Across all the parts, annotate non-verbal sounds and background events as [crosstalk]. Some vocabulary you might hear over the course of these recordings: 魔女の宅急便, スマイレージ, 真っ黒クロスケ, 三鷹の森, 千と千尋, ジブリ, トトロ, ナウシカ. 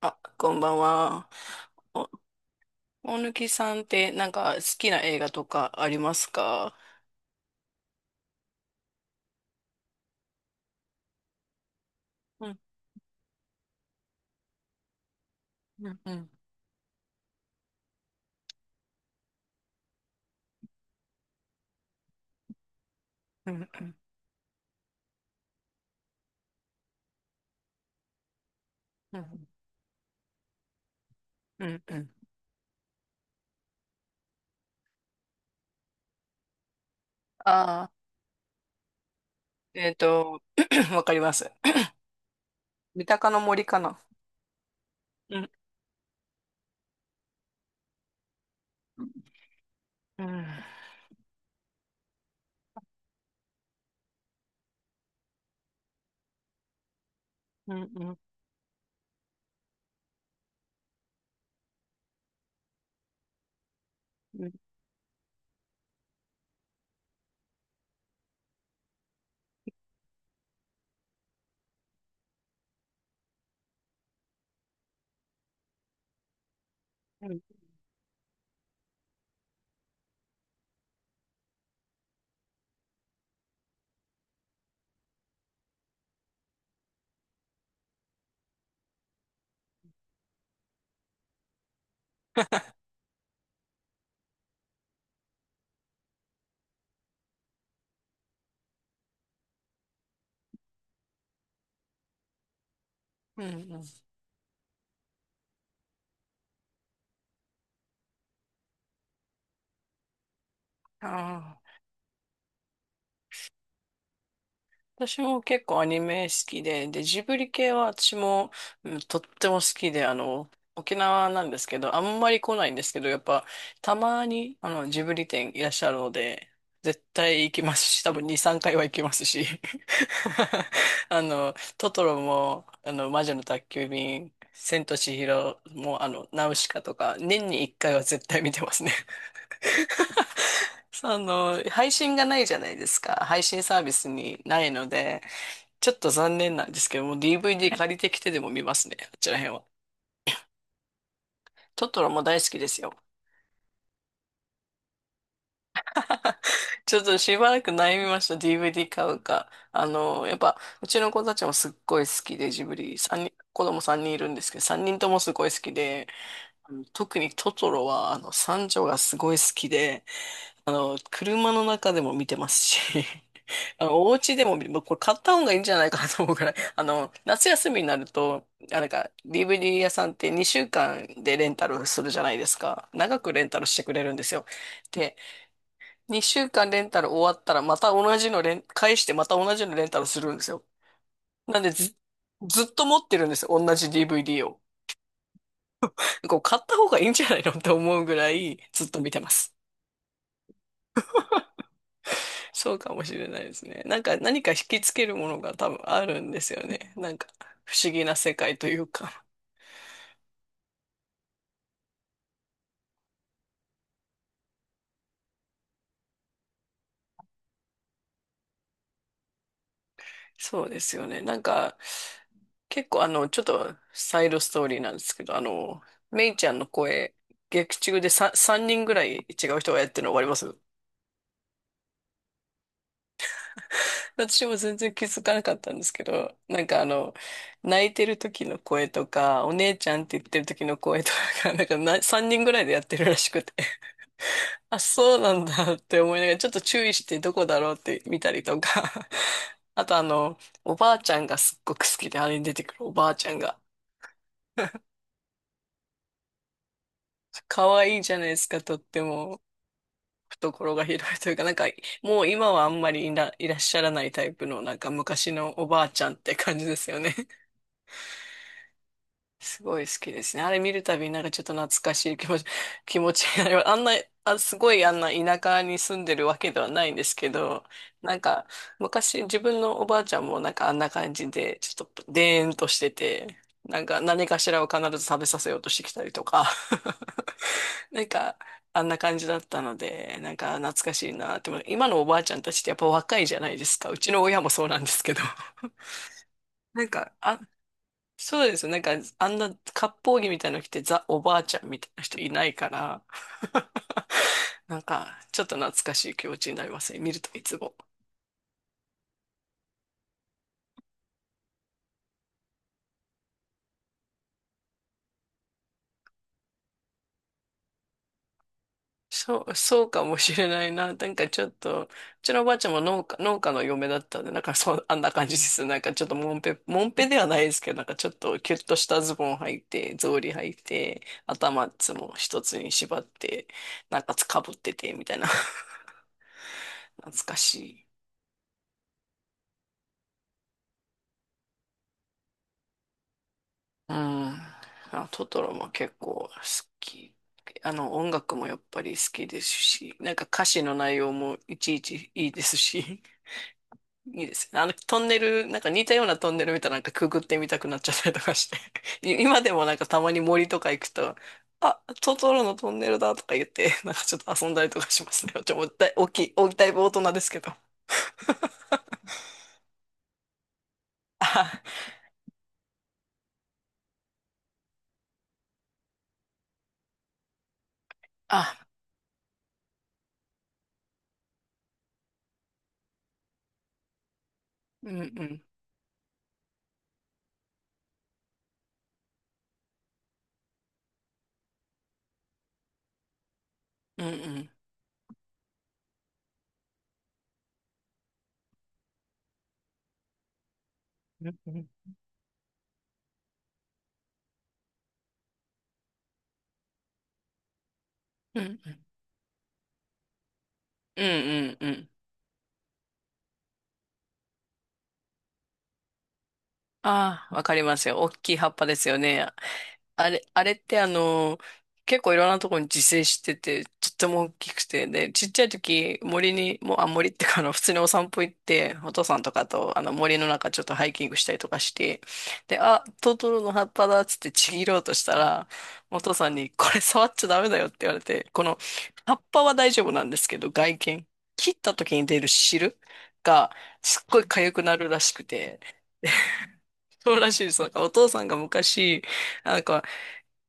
あ、こんばんは。お、大貫さんってなんか好きな映画とかありますか？うん、うん、うん、うん、うん、うん、うん。うん。ああ、えっと、[clears throat] わかります。三鷹の森かな。うん、うん、うん、うん、うん、うん、うん。あ、私も結構アニメ好きで、ジブリ系は私も、うん、とっても好きで、沖縄なんですけど、あんまり来ないんですけど、やっぱ、たまに、ジブリ店いらっしゃるので、絶対行きますし、多分2、3回は行きますし、[laughs] トトロも、魔女の宅急便、千と千尋も、ナウシカとか、年に1回は絶対見てますね。[laughs] その、配信がないじゃないですか。配信サービスにないので、ちょっと残念なんですけども、DVD 借りてきてでも見ますね、あちら辺は。トトロも大好きですよ。ちょっとしばらく悩みました、DVD 買うか。あの、やっぱ、うちの子たちもすっごい好きで、ジブリ、三人、子供3人いるんですけど、3人ともすごい好きで、あの特にトトロは、三女がすごい好きで、車の中でも見てますし、[laughs] あの、お家でも見、もうこれ買った方がいいんじゃないかなと思うから、[laughs] 夏休みになると、あ、なんか、DVD 屋さんって2週間でレンタルするじゃないですか。長くレンタルしてくれるんですよ。で、2週間レンタル終わったら、また同じのレン、返してまた同じのレンタルするんですよ。なんでず、ずっと持ってるんですよ。同じ DVD を。こう、買った方がいいんじゃないのって思うぐらい、ずっと見てます。そうかもしれないですね。なんか何か引きつけるものが多分あるんですよね。なんか不思議な世界というか。そうですよね。結構あの、ちょっとサイドストーリーなんですけど、メイちゃんの声、劇中で 3, 三人ぐらい違う人がやってるの分かります？私も全然気づかなかったんですけど、泣いてる時の声とか、お姉ちゃんって言ってる時の声とかが、なんかな3人ぐらいでやってるらしくて。あ、そうなんだって思いながら、ちょっと注意してどこだろうって見たりとか。[laughs] あとあの、おばあちゃんがすっごく好きで、あれに出てくるおばあちゃんが。可愛いじゃないですか、とっても。懐が広いというか、なんか、もう今はあんまりいら、いらっしゃらないタイプの、なんか昔のおばあちゃんって感じですよね。すごい好きですね。あれ見るたびになんかちょっと懐かしい気持ち、[laughs] 気持ちになります。あんな、あ、すごいあんな田舎に住んでるわけではないんですけど、なんか昔自分のおばあちゃんもなんかあんな感じで、ちょっとでーんとしてて、なんか何かしらを必ず食べさせようとしてきたりとか、[laughs] なんかあんな感じだったので、なんか懐かしいなって思う。今のおばあちゃんたちってやっぱ若いじゃないですか。うちの親もそうなんですけど。なんか、あそうですよ。なんか、あんな割烹着みたいなの着て、ザ・おばあちゃんみたいな人いないから、[laughs] なんか、ちょっと懐かしい気持ちになりますね。見るといつも。そう、そうかもしれないな。なんかちょっと、うちのおばあちゃんも農家の嫁だったんで、なんかそう、あんな感じです。なんかちょっともんぺ、もんぺではないですけど、なんかちょっとキュッとしたズボン履いて、草履履いて、頭いつも一つに縛って、なんかつかぶってて、みたいな。[laughs] 懐かしい。うん。あ、トトロも結構好き。あの、音楽もやっぱり好きですし、なんか歌詞の内容もいちいちいいですし、[laughs] いいですね。あの、トンネル、なんか似たようなトンネル見たらなんかくぐってみたくなっちゃったりとかして、[laughs] 今でもなんかたまに森とか行くと、あ、トトロのトンネルだとか言って、[laughs] なんかちょっと遊んだりとかしますね。[laughs] ちょ、もうだい、大きい、大きい、だいぶ大人ですけど。あ、あ、うんうん、うんうん、うんうん、うんうん、うんうん。うん。ああ、わかりますよ。大きい葉っぱですよね。あれってあの、結構いろんなところに自生してて、とっても大きくて、で、ちっちゃい時、森に、もう、あ、森ってか、あの、普通にお散歩行って、お父さんとかと、あの、森の中ちょっとハイキングしたりとかして、で、あ、トトロの葉っぱだっつってちぎろうとしたら、お父さんに、これ触っちゃダメだよって言われて、この、葉っぱは大丈夫なんですけど、外見、切った時に出る汁が、すっごい痒くなるらしくて、そうらしいです。お父さんが昔、なんか、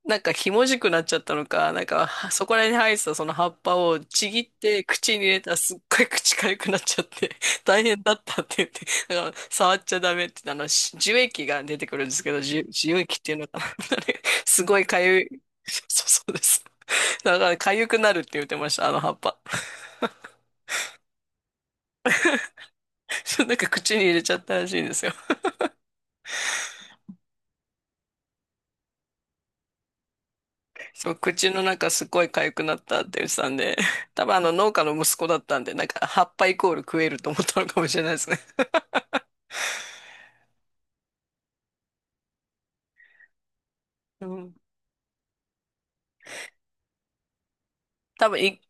なんかひもじくなっちゃったのか、はそこら辺に生えてたその葉っぱをちぎって口に入れたらすっごい口痒くなっちゃって、[laughs] 大変だったって言って、だから触っちゃダメって、樹液が出てくるんですけど、樹液っていうのかな。 [laughs] あれすごい痒い。そうです。だから痒くなるって言ってました、あの葉っぱ。[laughs] なんか口に入れちゃったらしいんですよ。そう、口の中すごい痒くなったって言ってたんで、[laughs] 多分あの農家の息子だったんで、なんか葉っぱイコール食えると思ったのかもしれないですね。うん。多分い、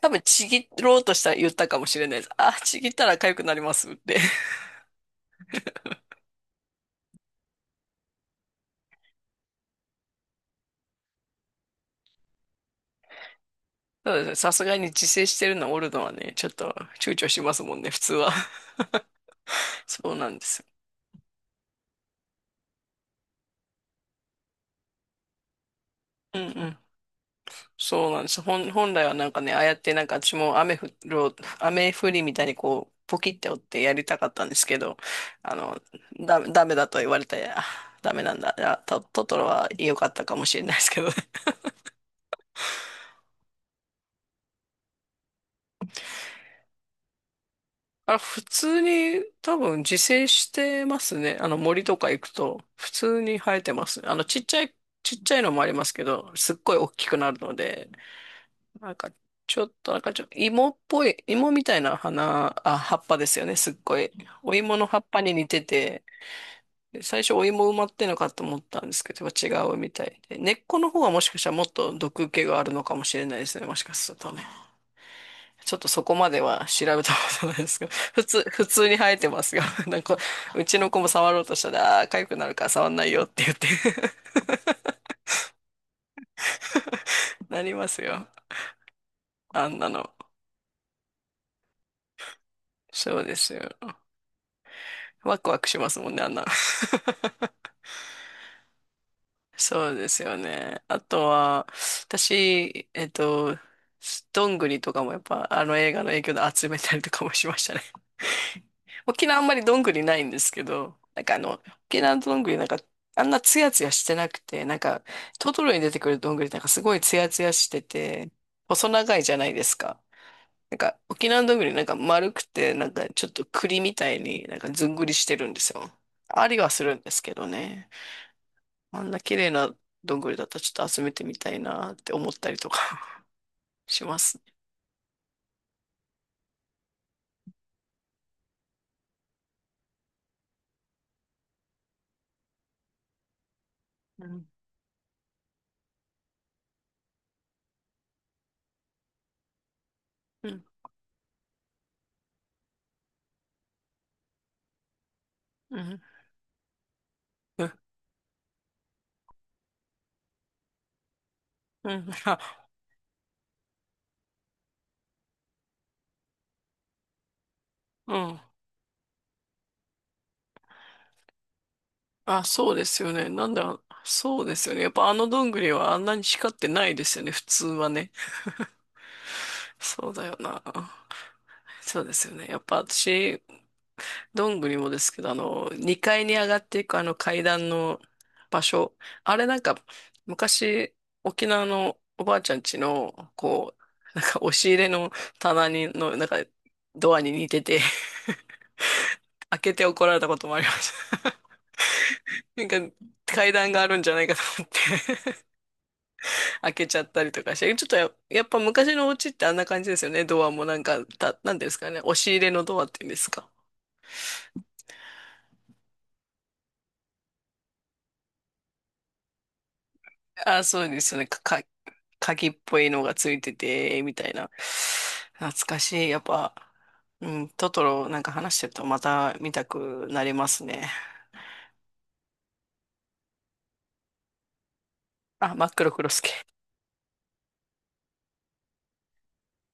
多分ちぎろうとしたら言ったかもしれないです。あ、ちぎったら痒くなりますって。[laughs] そうですね。さすがに自制してるのはね、ちょっと躊躇しますもんね、普通は。[laughs] そうなんですよ。うんうん。そうなんです。本来はなんかね、ああやってなんか私も雨降る、雨降りみたいにこう、ポキって折ってやりたかったんですけど、あの、ダメだと言われて、あダメなんだ。トトロは良かったかもしれないですけどね。[laughs] あれ、普通に多分自生してますね。あの森とか行くと、普通に生えてます。ちっちゃいのもありますけど、すっごい大きくなるので、なんか、ちょっと、なんかちょ、芋みたいな葉っぱですよね、すっごい。お芋の葉っぱに似てて、最初お芋埋まってんのかと思ったんですけど、違うみたいで。根っこの方はもしかしたらもっと毒気があるのかもしれないですね、もしかするとね。ちょっとそこまでは調べたことないですけど、[laughs] 普通に生えてますが、[laughs] なんか、うちの子も触ろうとしたら、ああー、痒くなるから触んないよって言って。 [laughs] なりますよ。あんなの。そうですよ。ワクワクしますもんね、あんな。そうですよね。あとは、私、どんぐりとかもやっぱあの映画の影響で集めたりとかもしましたね。[laughs] 沖縄あんまりどんぐりないんですけど、沖縄のどんぐりなんかあんなツヤツヤしてなくて、なんかトトロに出てくるどんぐりなんかすごいツヤツヤしてて、細長いじゃないですか。なんか沖縄のどんぐりなんか丸くて、なんかちょっと栗みたいになんかずんぐりしてるんですよ。ありはするんですけどね。あんな綺麗などんぐりだったらちょっと集めてみたいなって思ったりとか。 [laughs] しますね。うん、うん、うん、うん、[laughs] うん、あ、うん。あ、そうですよね。なんだ、そうですよね。やっぱあのどんぐりはあんなに光ってないですよね、普通はね。そうだよな。そうですよね。やっぱ私、どんぐりもですけど、あの、2階に上がっていくあの階段の場所。あれなんか、昔、沖縄のおばあちゃん家の [laughs] 押し入れの棚のドアに似てて、[laughs] 開けて怒られたこともありました。[laughs] なんか、階段があるんじゃないかと思って [laughs] 開けちゃったりとかして、ちょっとや、やっぱ昔のお家ってあんな感じですよね。ドアもなんか、た、なんていうんですかね。押し入れのドアっていうんですか。あ、そうですよね。鍵っぽいのがついてて、みたいな。懐かしい。やっぱ、うん、トトロなんか話してるとまた見たくなりますね。あ、真っ黒クロスケ。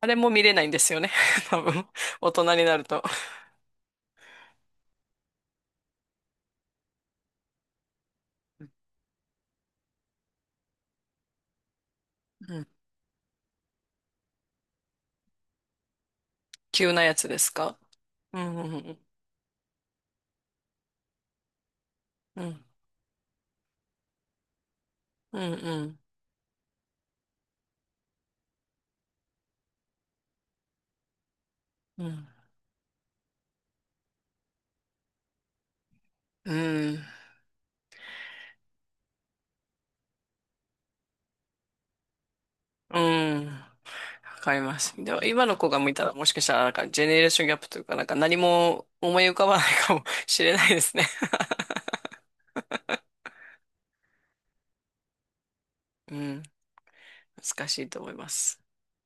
あれも見れないんですよね。[laughs] 多分、大人になると。うん、急なやつですか？うん、うん、うん、うん、うん、うん、うん、うんわかります。でも、今の子が見たら、もしかしたら、なんか、ジェネレーションギャップというか、なんか、何も思い浮かばないかもしれないですね。うん、難しいと思います。